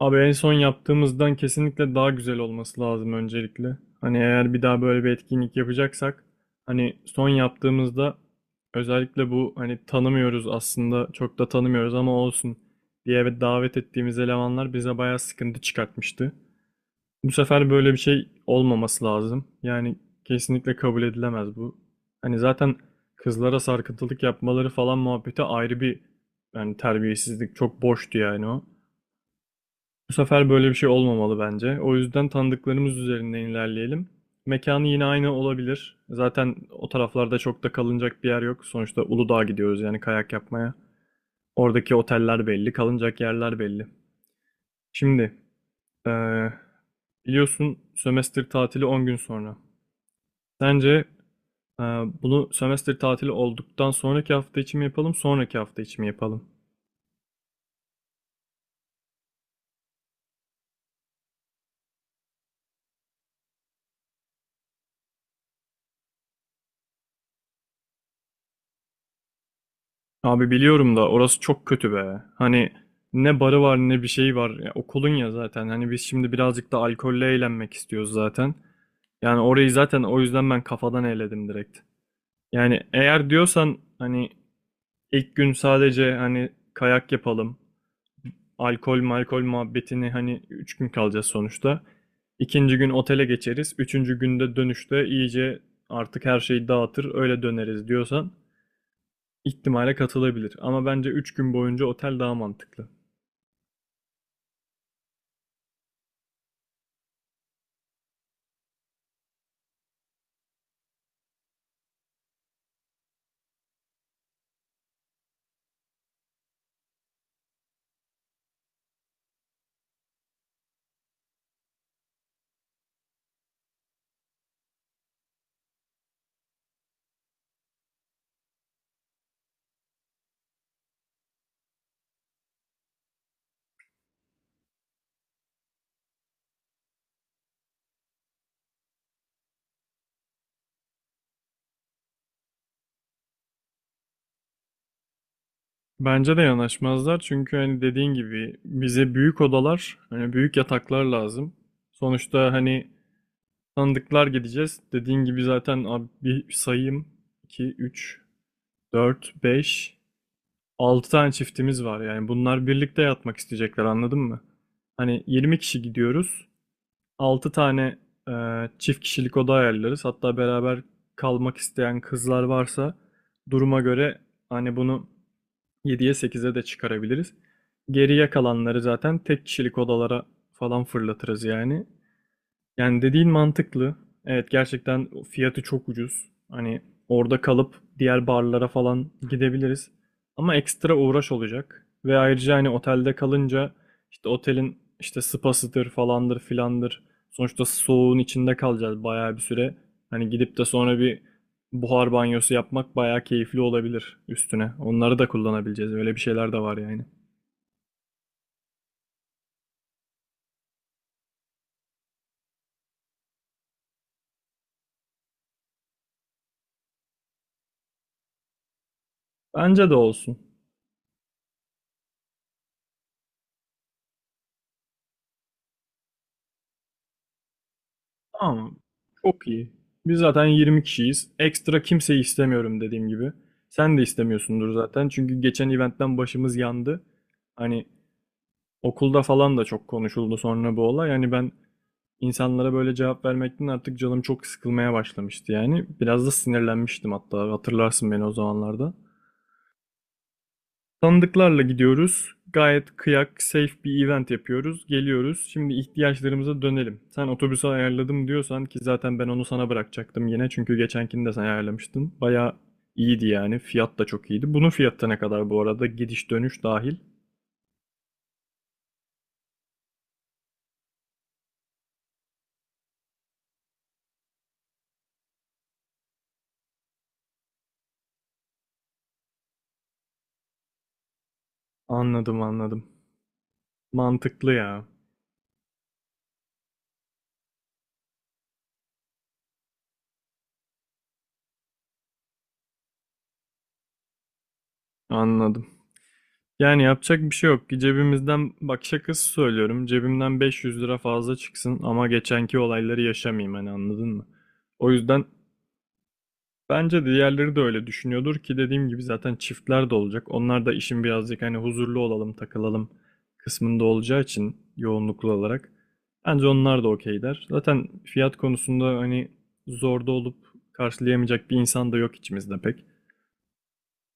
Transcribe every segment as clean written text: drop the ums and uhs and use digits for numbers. Abi en son yaptığımızdan kesinlikle daha güzel olması lazım öncelikle. Hani eğer bir daha böyle bir etkinlik yapacaksak hani son yaptığımızda özellikle bu hani tanımıyoruz aslında çok da tanımıyoruz ama olsun diye davet ettiğimiz elemanlar bize bayağı sıkıntı çıkartmıştı. Bu sefer böyle bir şey olmaması lazım. Yani kesinlikle kabul edilemez bu. Hani zaten kızlara sarkıntılık yapmaları falan muhabbeti ayrı bir yani terbiyesizlik çok boştu yani o. Bu sefer böyle bir şey olmamalı bence. O yüzden tanıdıklarımız üzerinden ilerleyelim. Mekanı yine aynı olabilir. Zaten o taraflarda çok da kalınacak bir yer yok. Sonuçta Uludağ'a gidiyoruz yani kayak yapmaya. Oradaki oteller belli, kalınacak yerler belli. Şimdi, eee, biliyorsun sömestr tatili 10 gün sonra. Sence eee, bunu sömestr tatili olduktan sonraki hafta için mi yapalım, sonraki hafta için mi yapalım? Abi biliyorum da orası çok kötü be. Hani ne barı var ne bir şey var. Ya, okulun ya zaten. Hani biz şimdi birazcık da alkolle eğlenmek istiyoruz zaten. Yani orayı zaten o yüzden ben kafadan eledim direkt. Yani eğer diyorsan hani ilk gün sadece hani kayak yapalım. Alkol malkol muhabbetini hani 3 gün kalacağız sonuçta. İkinci gün otele geçeriz. Üçüncü günde dönüşte iyice artık her şeyi dağıtır öyle döneriz diyorsan. İhtimale katılabilir ama bence 3 gün boyunca otel daha mantıklı. Bence de yanaşmazlar çünkü hani dediğin gibi bize büyük odalar, hani büyük yataklar lazım. Sonuçta hani tanıdıklar gideceğiz. Dediğin gibi zaten abi bir sayayım 2 3 4 5 6 tane çiftimiz var. Yani bunlar birlikte yatmak isteyecekler anladın mı? Hani 20 kişi gidiyoruz. 6 tane e, çift kişilik oda ayarlarız. Hatta beraber kalmak isteyen kızlar varsa duruma göre hani bunu yediye sekize de çıkarabiliriz. Geriye kalanları zaten tek kişilik odalara falan fırlatırız yani. Yani dediğin mantıklı. Evet, gerçekten fiyatı çok ucuz. Hani orada kalıp diğer barlara falan gidebiliriz. Ama ekstra uğraş olacak. Ve ayrıca hani otelde kalınca işte otelin işte spasıdır falandır filandır. Sonuçta soğuğun içinde kalacağız bayağı bir süre. Hani gidip de sonra bir buhar banyosu yapmak bayağı keyifli olabilir üstüne. Onları da kullanabileceğiz. Öyle bir şeyler de var yani. Bence de olsun. Tamam. Çok iyi. Biz zaten 20 kişiyiz. Ekstra kimseyi istemiyorum dediğim gibi. Sen de istemiyorsundur zaten. Çünkü geçen eventten başımız yandı. Hani okulda falan da çok konuşuldu sonra bu olay. Yani ben insanlara böyle cevap vermekten artık canım çok sıkılmaya başlamıştı yani. Biraz da sinirlenmiştim hatta. Hatırlarsın beni o zamanlarda. Tanıdıklarla gidiyoruz. Gayet kıyak, safe bir event yapıyoruz. Geliyoruz. Şimdi ihtiyaçlarımıza dönelim. Sen otobüsü ayarladım diyorsan, ki zaten ben onu sana bırakacaktım yine. Çünkü geçenkini de sen ayarlamıştın. Bayağı iyiydi yani. Fiyat da çok iyiydi. Bunun fiyatı ne kadar bu arada? Gidiş dönüş dahil. Anladım, anladım. Mantıklı ya. Anladım. Yani yapacak bir şey yok. Ki cebimizden bak şakası söylüyorum. Cebimden 500 lira fazla çıksın ama geçenki olayları yaşamayayım hani anladın mı? O yüzden bence diğerleri de öyle düşünüyordur, ki dediğim gibi zaten çiftler de olacak. Onlar da işin birazcık hani huzurlu olalım, takılalım kısmında olacağı için yoğunluklu olarak. Bence onlar da okey der. Zaten fiyat konusunda hani zorda olup karşılayamayacak bir insan da yok içimizde pek.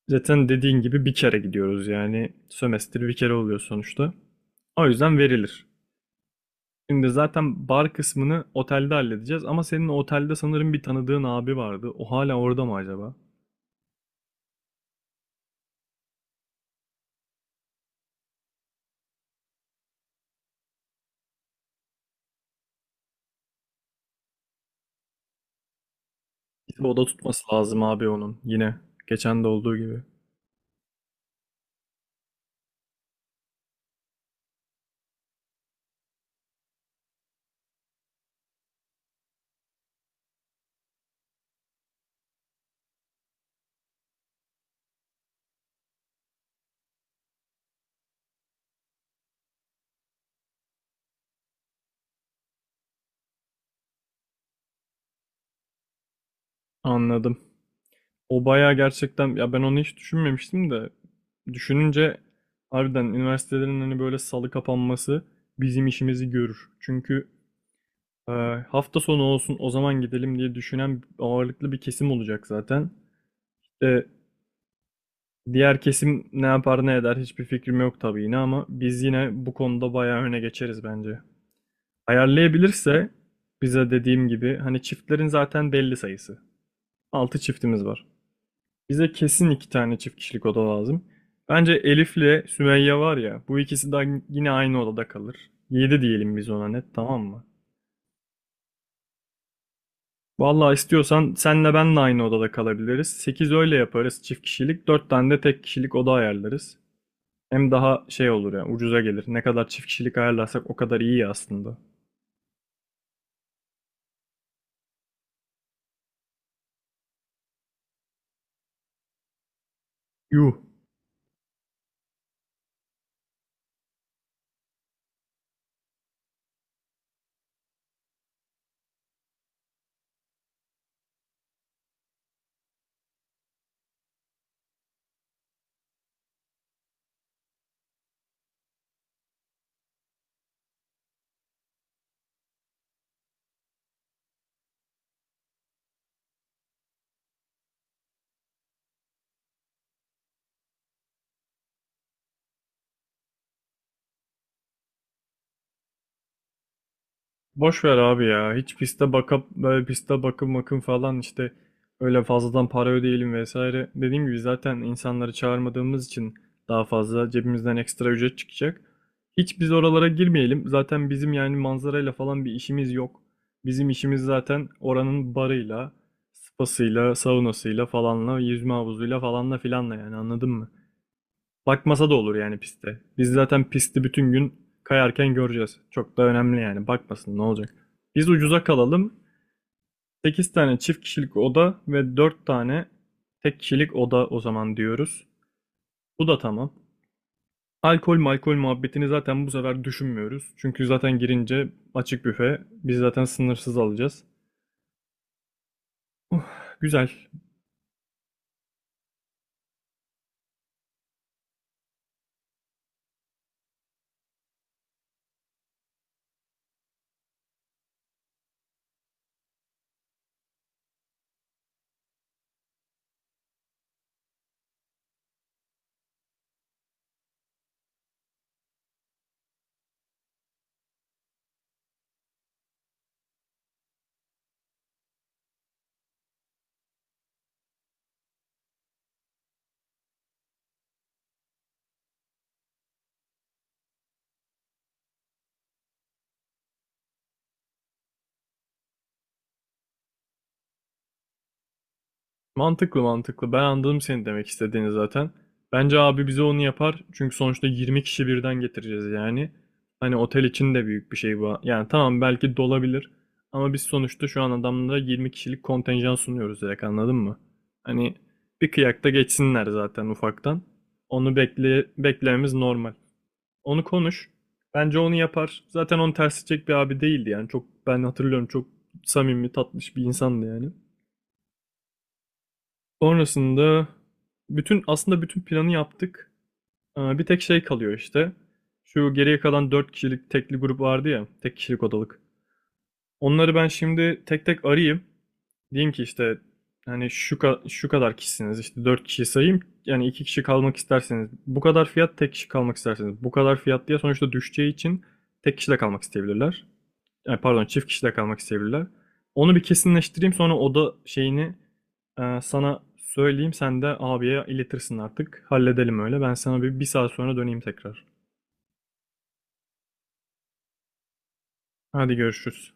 Zaten dediğin gibi bir kere gidiyoruz yani sömestr bir kere oluyor sonuçta. O yüzden verilir. Şimdi zaten bar kısmını otelde halledeceğiz ama senin otelde sanırım bir tanıdığın abi vardı. O hala orada mı acaba? Bir de oda tutması lazım abi onun. Yine geçen de olduğu gibi. Anladım. O bayağı gerçekten ya, ben onu hiç düşünmemiştim de düşününce harbiden üniversitelerin hani böyle salı kapanması bizim işimizi görür. Çünkü e, hafta sonu olsun o zaman gidelim diye düşünen ağırlıklı bir kesim olacak zaten. E, Diğer kesim ne yapar ne eder hiçbir fikrim yok tabii yine ama biz yine bu konuda bayağı öne geçeriz bence. Ayarlayabilirse bize, dediğim gibi, hani çiftlerin zaten belli sayısı. Altı çiftimiz var. Bize kesin iki tane çift kişilik oda lazım. Bence Elif'le Sümeyye var ya, bu ikisi de yine aynı odada kalır. Yedi diyelim biz ona net, tamam mı? Vallahi istiyorsan senle ben de aynı odada kalabiliriz. Sekiz öyle yaparız çift kişilik, dört tane de tek kişilik oda ayarlarız. Hem daha şey olur ya, ucuza gelir. Ne kadar çift kişilik ayarlarsak o kadar iyi aslında. Yuh. Boş ver abi ya. Hiç piste bakıp böyle piste bakım bakım falan işte öyle fazladan para ödeyelim vesaire. Dediğim gibi zaten insanları çağırmadığımız için daha fazla cebimizden ekstra ücret çıkacak. Hiç biz oralara girmeyelim. Zaten bizim yani manzarayla falan bir işimiz yok. Bizim işimiz zaten oranın barıyla, spasıyla, saunasıyla falanla, yüzme havuzuyla falanla filanla yani anladın mı? Bakmasa da olur yani piste. Biz zaten pisti bütün gün kayarken göreceğiz. Çok da önemli yani. Bakmasın ne olacak. Biz ucuza kalalım. 8 tane çift kişilik oda ve 4 tane tek kişilik oda o zaman diyoruz. Bu da tamam. Alkol malkol muhabbetini zaten bu sefer düşünmüyoruz. Çünkü zaten girince açık büfe. Biz zaten sınırsız alacağız. Uh, güzel. Mantıklı, mantıklı. Ben anladım seni, demek istediğini zaten. Bence abi bize onu yapar. Çünkü sonuçta 20 kişi birden getireceğiz yani. Hani otel için de büyük bir şey bu. Yani tamam, belki dolabilir. Ama biz sonuçta şu an adamlara 20 kişilik kontenjan sunuyoruz direkt anladın mı? Hani bir kıyakta geçsinler zaten ufaktan. Onu bekle, beklememiz normal. Onu konuş. Bence onu yapar. Zaten onu ters edecek bir abi değildi yani. Çok, ben hatırlıyorum, çok samimi tatlış bir insandı yani. Sonrasında aslında bütün planı yaptık. Bir tek şey kalıyor işte. Şu geriye kalan 4 kişilik tekli grup vardı ya, tek kişilik odalık. Onları ben şimdi tek tek arayayım. Diyeyim ki işte hani şu kadar kişisiniz işte 4 kişi sayayım. Yani 2 kişi kalmak isterseniz bu kadar fiyat, tek kişi kalmak isterseniz bu kadar fiyat diye sonuçta düşeceği için tek kişi de kalmak isteyebilirler, ay pardon, çift kişide kalmak isteyebilirler. Onu bir kesinleştireyim, sonra oda şeyini sana söyleyeyim. Sen de abiye iletirsin artık. Halledelim öyle. Ben sana bir saat sonra döneyim tekrar. Hadi görüşürüz.